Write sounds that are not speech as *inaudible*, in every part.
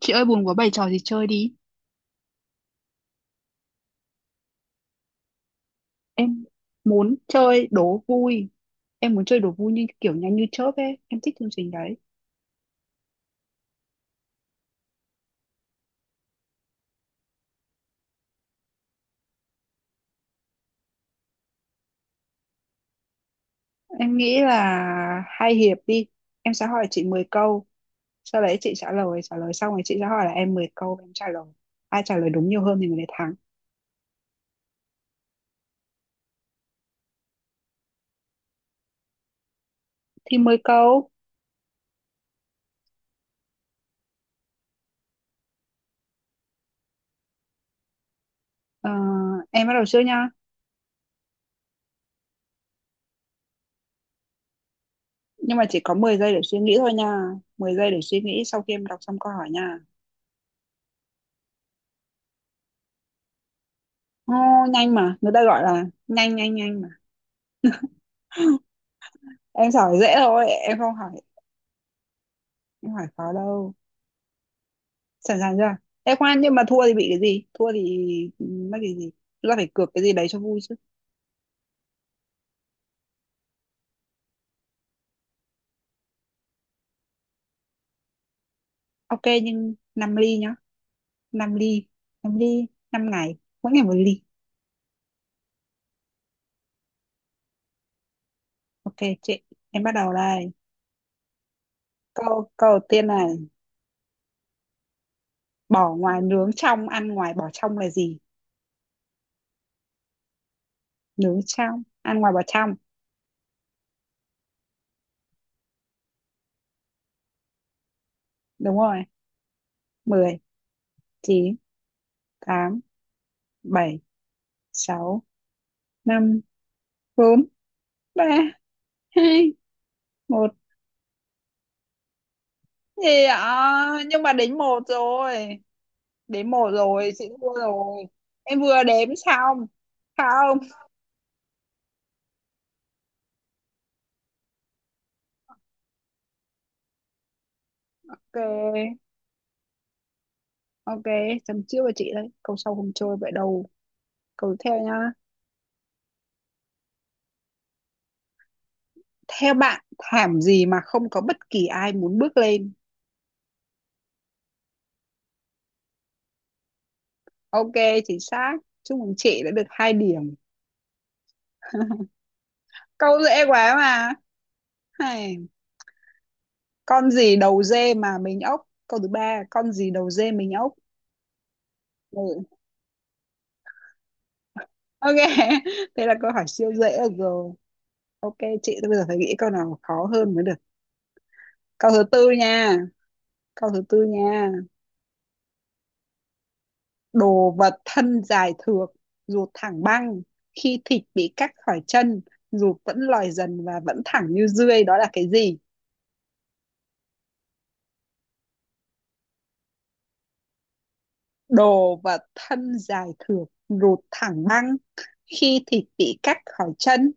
Chị ơi buồn quá bày trò gì chơi đi. Em muốn chơi đố vui. Em muốn chơi đố vui như kiểu nhanh như chớp ấy. Em thích chương trình đấy. Em nghĩ là hai hiệp đi. Em sẽ hỏi chị 10 câu. Sau đấy chị trả lời. Trả lời xong rồi chị sẽ hỏi là em 10 câu và em trả lời. Ai trả lời đúng nhiều hơn thì người đấy thắng. Thì 10 câu. Ờ, em bắt đầu trước nha. Nhưng mà chỉ có 10 giây để suy nghĩ thôi nha. Mười giây để suy nghĩ sau khi em đọc xong câu hỏi nha. Ô, nhanh mà. Người ta gọi là nhanh nhanh nhanh mà. Em giỏi dễ thôi em không hỏi, em hỏi khó đâu. Sẵn sàng chưa? Em khoan, nhưng mà thua thì bị cái gì? Thua thì ừ, mất cái gì? Chúng ta phải cược cái gì đấy cho vui chứ. Ok nhưng năm ly nhá, năm ly, 5 ly, 5 ngày, mỗi ngày một ly. Ok chị, em bắt đầu đây. Câu câu đầu tiên này: bỏ ngoài nướng trong, ăn ngoài bỏ trong là gì? Nướng trong, ăn ngoài, bỏ trong. Đúng rồi. Mười, chín, tám, bảy, sáu, năm, bốn, ba, hai, một. Nhưng mà đến một rồi, đến một rồi chị thua rồi. Em vừa đếm xong. Không. Ok, ok, chấm trước với chị đấy, câu sau không chơi vậy đâu. Câu tiếp theo nhá: theo bạn thảm gì mà không có bất kỳ ai muốn bước lên? Ok, chính xác. Chúc mừng chị đã được hai điểm. Câu dễ quá mà. Hay. Con gì đầu dê mà mình ốc? Câu thứ ba: con gì đầu dê mình ốc? Ừ. Ok. *laughs* Thế là câu hỏi siêu dễ, được rồi. Ok chị, tôi bây giờ phải nghĩ câu nào khó hơn mới được. Câu thứ tư nha. Câu thứ tư nha. Đồ vật thân dài thượt, ruột thẳng băng. Khi thịt bị cắt khỏi chân, ruột vẫn lòi dần và vẫn thẳng như dươi. Đó là cái gì? Đồ vật thân dài thượt, ruột thẳng băng. Khi thịt bị cắt khỏi chân,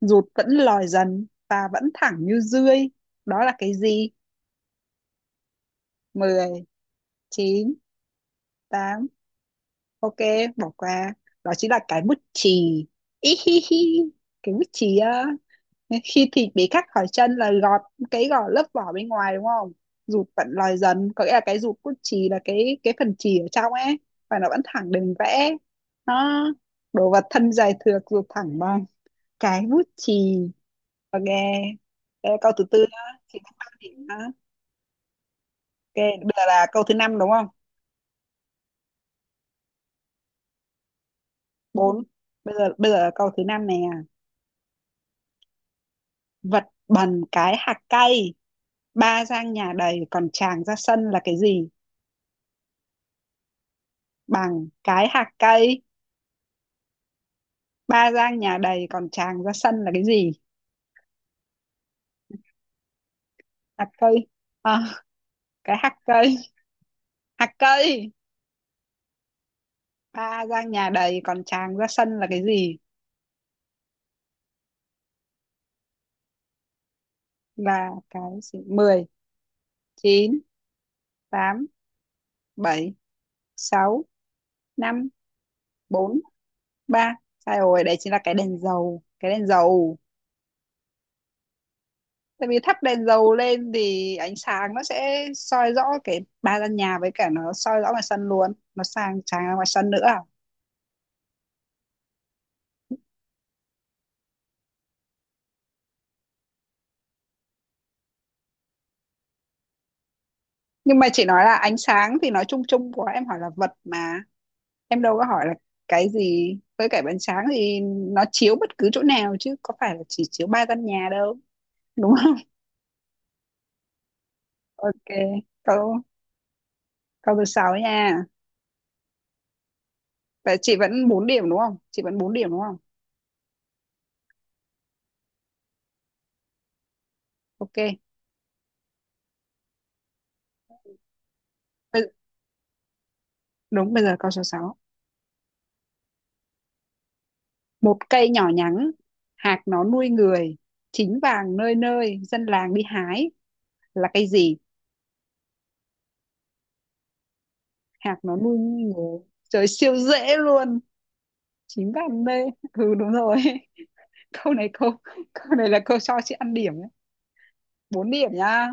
ruột vẫn lòi dần và vẫn thẳng như dươi. Đó là cái gì? Mười, chín, 8. Ok, bỏ qua. Đó chính là cái bút chì. Ý hi hi, cái bút chì á. Khi thịt bị khắc khỏi chân là gọt, cái gọt lớp vỏ bên ngoài đúng không? Rụt vẫn lòi dần có nghĩa là cái rụt bút chì là cái phần chì ở trong ấy, và nó vẫn thẳng đường vẽ nó. Đồ vật thân dài thượt, rụt thẳng bằng, cái bút chì. Ok, đây là câu thứ tư nhá, chị đã ba điểm nhá. Ok, bây giờ là câu thứ năm đúng không? Bốn. Bây giờ là câu thứ năm nè. Vật bằng cái hạt cây, ba gang nhà đầy còn tràng ra sân là cái gì? Bằng cái hạt cây, ba gang nhà đầy còn tràng ra sân là cái gì? Hạt cây, à, cái hạt cây, hạt cây, ba gang nhà đầy còn tràng ra sân là cái gì? Là cái gì? Mười, chín, tám, bảy, sáu, năm, bốn, ba. Sai rồi, đấy chính là cái đèn dầu, cái đèn dầu. Tại vì thắp đèn dầu lên thì ánh sáng nó sẽ soi rõ cái ba gian nhà, với cả nó soi rõ ngoài sân luôn, nó sang sáng ra ngoài sân nữa à? Nhưng mà chị nói là ánh sáng thì nói chung chung, của em hỏi là vật mà, em đâu có hỏi là cái gì. Với cả ánh sáng thì nó chiếu bất cứ chỗ nào chứ có phải là chỉ chiếu ba gian nhà đâu, đúng không? *laughs* Ok, câu câu thứ sáu nha. Vậy chị vẫn bốn điểm đúng không, chị vẫn bốn điểm đúng không? Ok. Bây- Đúng, bây giờ câu số sáu. Một cây nhỏ nhắn, hạt nó nuôi người, chín vàng nơi nơi, dân làng đi hái. Là cây gì? Hạt nó nuôi người. Trời siêu dễ luôn. Chín vàng nơi. Ừ đúng rồi. *laughs* Câu này câu Câu này là câu cho chị ăn điểm nhé. 4 điểm nhá.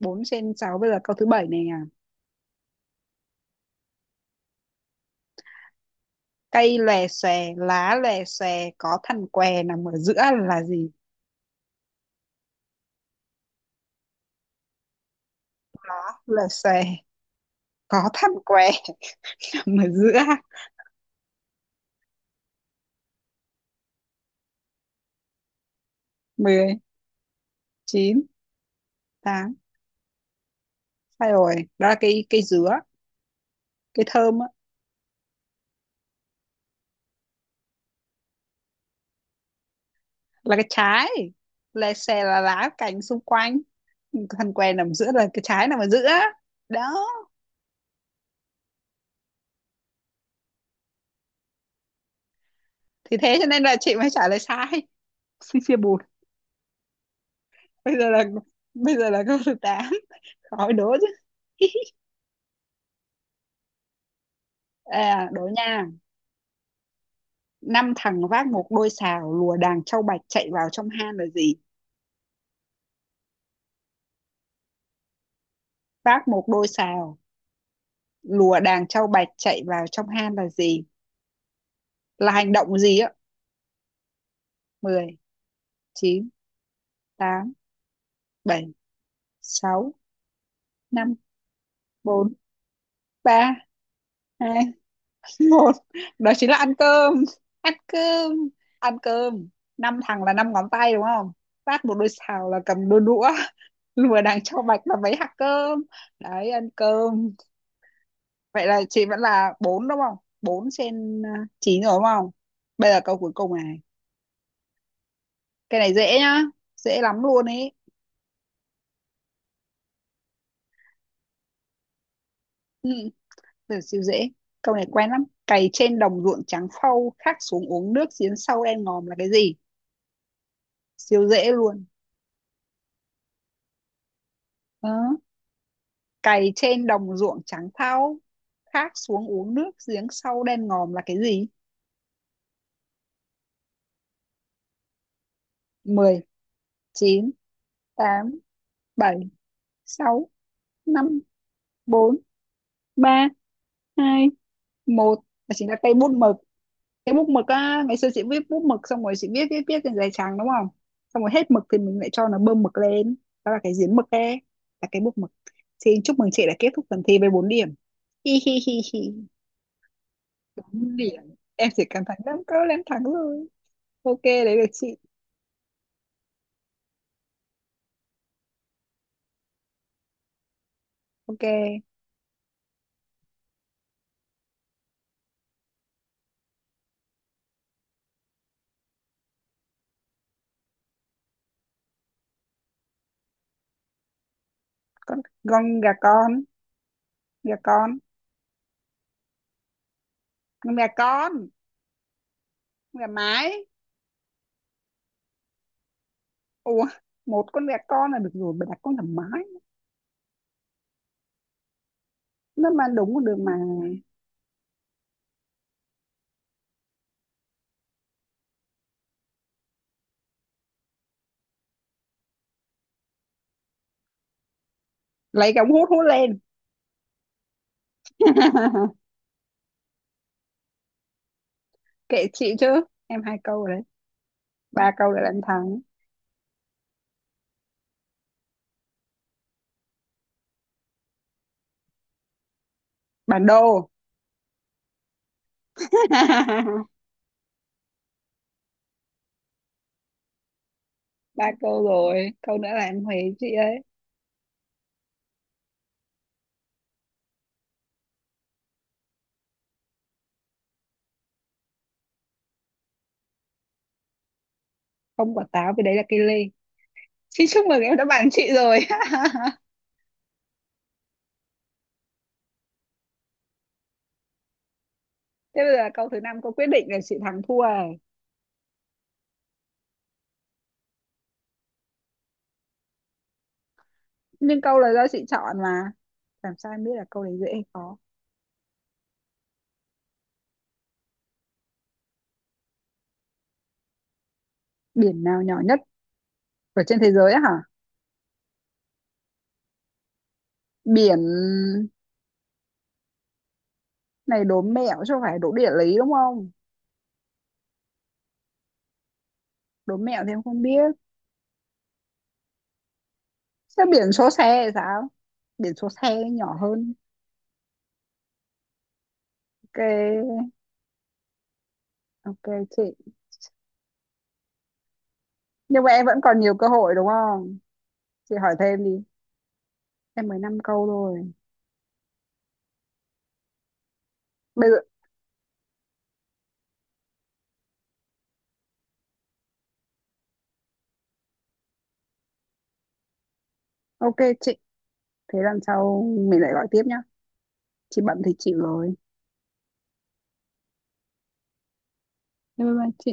Bốn trên 6. Bây giờ câu thứ bảy này à. Cây lòe xòe, lá lòe xòe, có thằn què nằm ở giữa là gì? Lòe xòe, có thằn què *laughs* nằm ở giữa. Mười, chín, 8. Sai rồi, đó là cây cây dứa, cái thơm á. Là cái trái. Lè xè là lá cành xung quanh, thằng què nằm giữa là cái trái nằm ở giữa, đó. Thì thế cho nên là chị mới trả lời sai. *laughs* Xì xì bụt. bây giờ là Bây giờ là câu thứ tám, khỏi đố chứ. *laughs* À, đố nha. Năm thằng vác một đôi sào lùa đàn trâu bạch chạy vào trong hang là gì? Vác một đôi sào, lùa đàn trâu bạch chạy vào trong hang là gì? Là hành động gì á? Mười, chín, tám, bảy, sáu, năm, bốn, ba, hai, một. Đó chính là ăn cơm, ăn cơm, ăn cơm. Năm thằng là năm ngón tay đúng không, phát một đôi xào là cầm đôi đũa, *laughs* lùa đằng cho bạch là mấy hạt cơm đấy, ăn cơm. Vậy là chị vẫn là bốn đúng không, bốn trên chín rồi đúng không? Bây giờ câu cuối cùng này, cái này dễ nhá, dễ lắm luôn ấy. ừ, Từ siêu dễ, câu này quen lắm. Cày trên đồng ruộng trắng phau, khát xuống uống nước giếng sâu đen ngòm là cái gì? Siêu dễ luôn. Ờ, cày trên đồng ruộng trắng thau, khát xuống uống nước giếng sâu đen ngòm là cái gì? Mười, chín, tám, bảy, sáu, năm, bốn, ba, hai, một. Và chính là cây bút mực. Cái bút mực á, ngày xưa chị viết bút mực xong rồi chị viết viết viết trên giấy trắng đúng không? Xong rồi hết mực thì mình lại cho nó bơm mực lên, đó là cái giếng mực ấy, là cái bút mực. Xin chúc mừng chị đã kết thúc phần thi với 4 điểm. Hi hi hi hi, 4 điểm. Em chỉ cần thắng năm câu là em thắng rồi. Ok, đấy là chị. Ok. Con con gà con, gà con gà con gà mái. Ủa, một con gà con là được rồi, bà đặt con gà mái, nó mà đúng con đường mà. Lấy cái ống hút hút lên. *laughs* Kệ chị chứ, em hai câu rồi đấy, ba câu rồi là em thắng. Bản đồ. *laughs* Ba câu rồi, câu nữa là em huề chị ấy. Không quả táo vì đấy là cây lê. Xin chúc mừng em đã bàn chị rồi. *laughs* Thế bây giờ câu thứ năm, câu quyết định là chị thắng thua rồi. Nhưng câu là do chị chọn mà, làm sao em biết là câu đấy dễ hay khó? Biển nào nhỏ nhất? Ở trên thế giới á hả? Biển này đố mẹo chứ không phải đố địa lý đúng không? Đố mẹo thì em không biết. Sao biển số xe thì sao, biển số xe nhỏ hơn. Ok. Ok chị, nhưng mà em vẫn còn nhiều cơ hội đúng không? Chị hỏi thêm đi, em mới 5 câu rồi. Bây giờ. Ok chị, thế lần sau mình lại gọi tiếp nhá, chị bận thì chịu rồi. Bye bye chị.